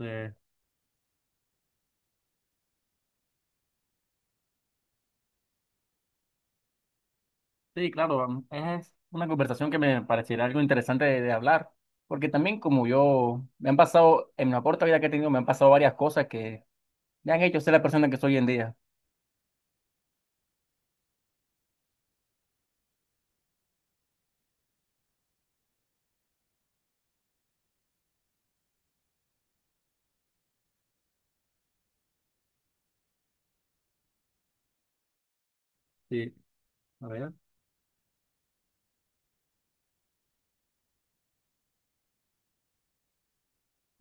Eh, sí, claro, es una conversación que me pareciera algo interesante de hablar, porque también como yo, me han pasado, en la corta vida que he tenido, me han pasado varias cosas que me han hecho ser la persona que soy hoy en día. Sí, a ver,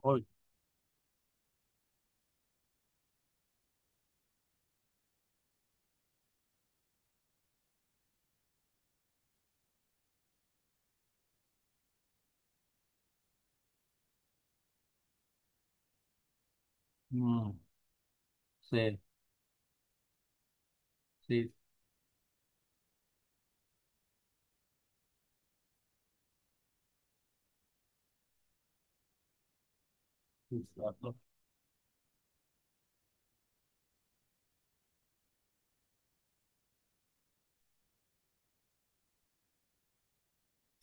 hoy. Mm, sí, sí, sí, cierto.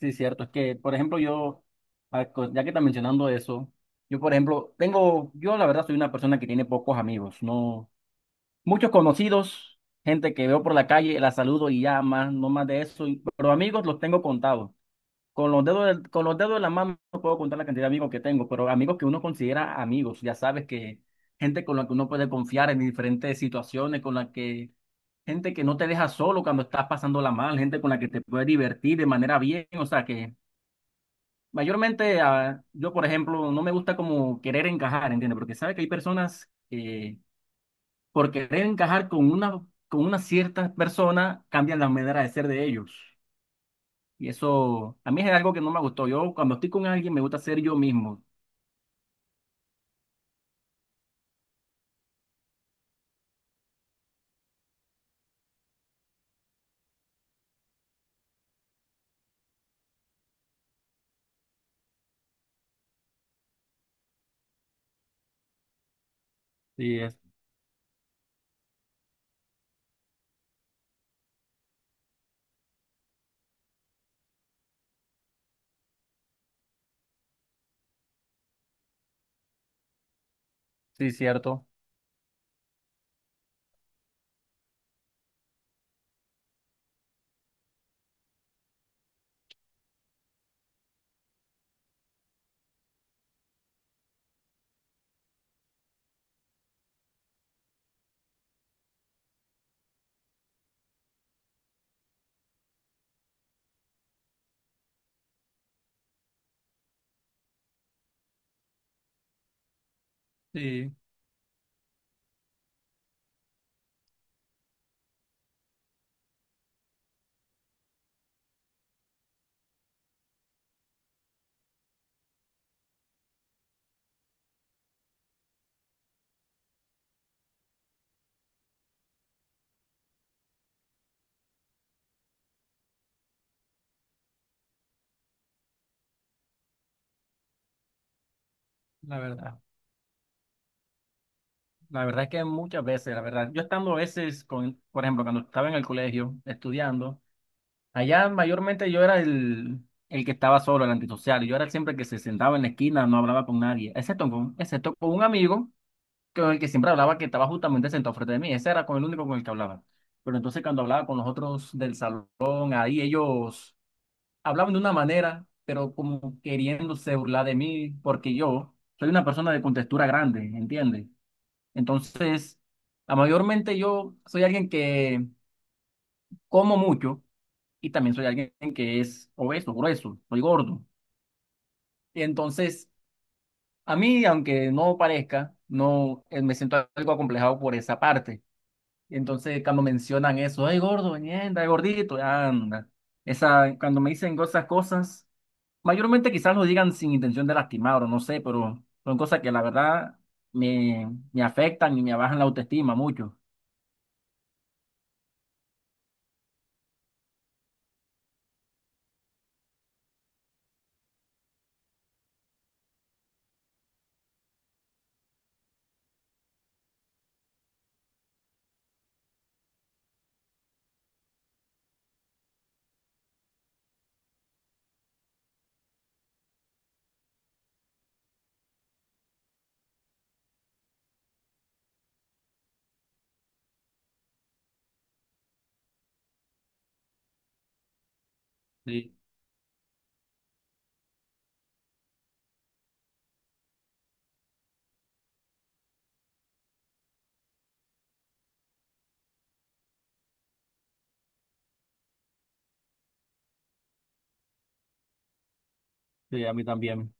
Sí, cierto, es que, por ejemplo, ya que está mencionando eso, yo, por ejemplo, yo la verdad soy una persona que tiene pocos amigos, no. Muchos conocidos, gente que veo por la calle, la saludo y ya más, no más de eso. Pero amigos los tengo contados. Con los dedos de la mano no puedo contar la cantidad de amigos que tengo, pero amigos que uno considera amigos, ya sabes que gente con la que uno puede confiar en diferentes situaciones, con la que gente que no te deja solo cuando estás pasándola mal, gente con la que te puede divertir de manera bien, o sea que mayormente yo por ejemplo no me gusta como querer encajar, ¿entiendes? Porque sabes que hay personas que por querer encajar con una cierta persona, cambian la manera de ser de ellos. Y eso a mí es algo que no me gustó. Yo cuando estoy con alguien me gusta ser yo mismo. Sí, es, sí, cierto. Sí, la verdad. La verdad es que muchas veces, la verdad, yo estando a veces con, por ejemplo, cuando estaba en el colegio estudiando, allá mayormente el que estaba solo, el antisocial. Yo era siempre el que se sentaba en la esquina, no hablaba con nadie, excepto con un amigo con el que siempre hablaba, que estaba justamente sentado frente de mí. Ese era con el único con el que hablaba. Pero entonces cuando hablaba con los otros del salón, ahí ellos hablaban de una manera, pero como queriéndose burlar de mí, porque yo soy una persona de contextura grande, ¿entiendes? Entonces, mayormente yo soy alguien que como mucho, y también soy alguien que es obeso, grueso, soy gordo. Y entonces, a mí, aunque no parezca, no me siento algo acomplejado por esa parte. Y entonces cuando mencionan eso, ay gordo, ñenda, gordito, anda. Esa, cuando me dicen esas cosas, mayormente quizás lo digan sin intención de lastimar o no sé, pero son cosas que la verdad me afectan y me bajan la autoestima mucho. Sí, sí, a mí también.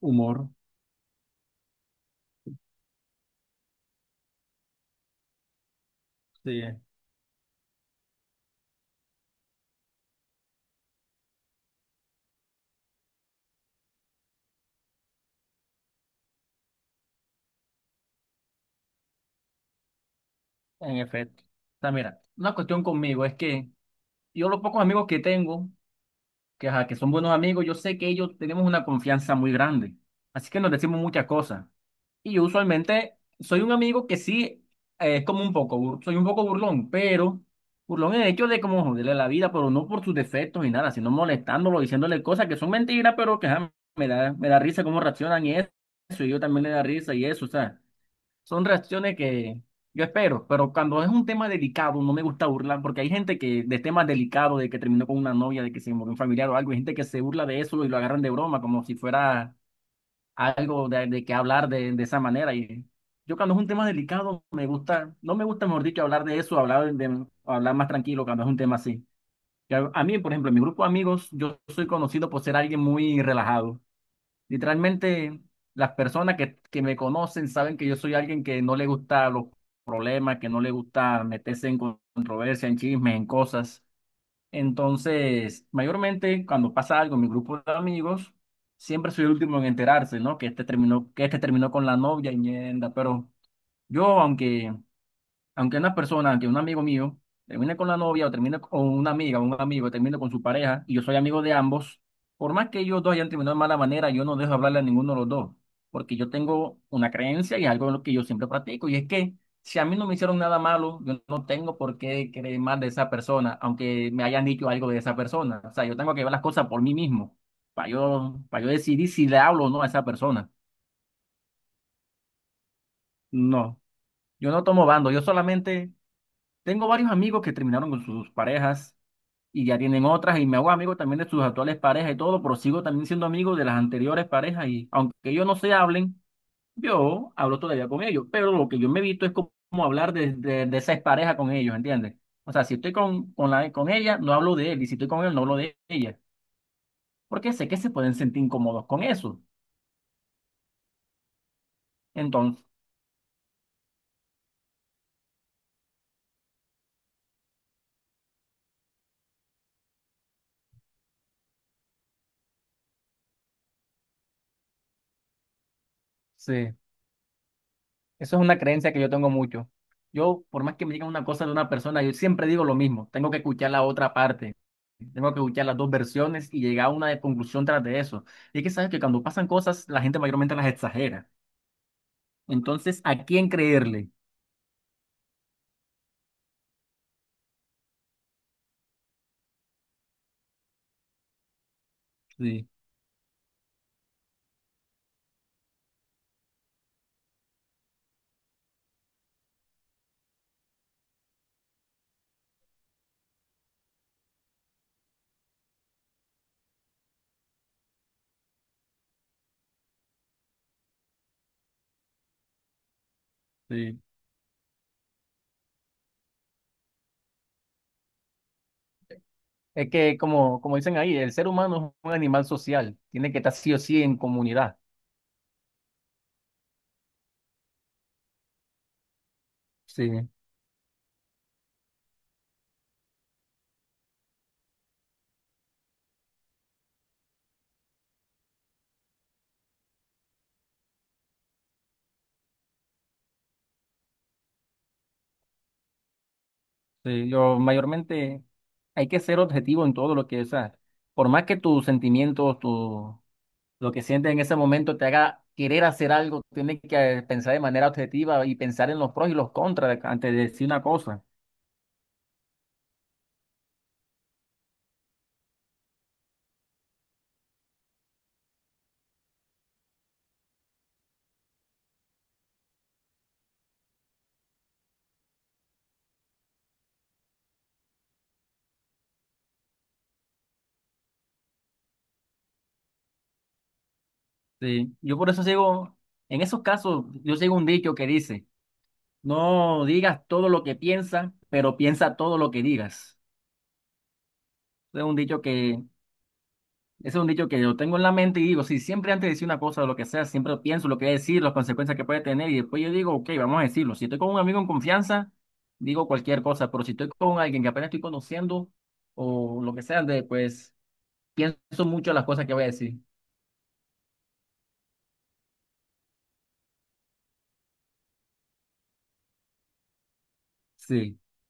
Humor, sí, en efecto. O sea, mira, una cuestión conmigo es que yo los pocos amigos que tengo que, ajá, que son buenos amigos, yo sé que ellos tenemos una confianza muy grande. Así que nos decimos muchas cosas. Y yo usualmente soy un amigo que es como un poco, soy un poco burlón, pero burlón en el hecho de como joderle la vida, pero no por sus defectos ni nada, sino molestándolo, diciéndole cosas que son mentiras, pero que ajá, me da risa cómo reaccionan y eso, y yo también le da risa y eso, o sea. Son reacciones que yo espero, pero cuando es un tema delicado, no me gusta burlar, porque hay gente que de temas delicados, de que terminó con una novia, de que se murió un familiar o algo, hay gente que se burla de eso y lo agarran de broma, como si fuera algo de que hablar de esa manera. Y yo cuando es un tema delicado, me gusta, no me gusta, mejor dicho, hablar de eso, hablar más tranquilo cuando es un tema así. A mí, por ejemplo, en mi grupo de amigos, yo soy conocido por ser alguien muy relajado. Literalmente, las personas que me conocen saben que yo soy alguien que no le gusta los problemas, que no le gusta meterse en controversia, en chismes, en cosas. Entonces, mayormente cuando pasa algo en mi grupo de amigos, siempre soy el último en enterarse, ¿no? Que este terminó con la novia y mierda, pero yo, aunque una persona, aunque un amigo mío termine con la novia o termine con una amiga o un amigo termine con su pareja y yo soy amigo de ambos, por más que ellos dos hayan terminado de mala manera, yo no dejo hablarle a ninguno de los dos, porque yo tengo una creencia y algo en lo que yo siempre practico, y es que si a mí no me hicieron nada malo, yo no tengo por qué creer mal de esa persona, aunque me hayan dicho algo de esa persona. O sea, yo tengo que ver las cosas por mí mismo, para yo decidir si le hablo o no a esa persona. No, yo no tomo bando, yo solamente tengo varios amigos que terminaron con sus parejas y ya tienen otras y me hago amigo también de sus actuales parejas y todo, pero sigo también siendo amigo de las anteriores parejas y aunque ellos no se hablen, yo hablo todavía con ellos, pero lo que yo me evito es como hablar de esa expareja con ellos, ¿entiendes? O sea, si estoy con ella, no hablo de él, y si estoy con él, no hablo de ella, porque sé que se pueden sentir incómodos con eso. Entonces... Eso es una creencia que yo tengo mucho. Yo, por más que me digan una cosa de una persona, yo siempre digo lo mismo. Tengo que escuchar la otra parte. Tengo que escuchar las dos versiones y llegar a una conclusión tras de eso. Y es que sabes que cuando pasan cosas, la gente mayormente las exagera. Entonces, ¿a quién creerle? Sí, sí. Es que, como dicen ahí, el ser humano es un animal social. Tiene que estar sí o sí en comunidad. Sí, sí. Yo mayormente hay que ser objetivo en todo lo que es. Por más que tus sentimientos, tu lo que sientes en ese momento te haga querer hacer algo, tienes que pensar de manera objetiva y pensar en los pros y los contras antes de decir una cosa. Sí, yo por eso sigo, en esos casos, yo sigo un dicho que dice, no digas todo lo que piensas, pero piensa todo lo que digas. Es un dicho que Ese es un dicho que yo tengo en la mente y digo, si siempre antes de decir una cosa o lo que sea, siempre pienso lo que voy a decir, las consecuencias que puede tener y después yo digo, ok, vamos a decirlo. Si estoy con un amigo en confianza, digo cualquier cosa, pero si estoy con alguien que apenas estoy conociendo o lo que sea, pues pienso mucho las cosas que voy a decir. Sí.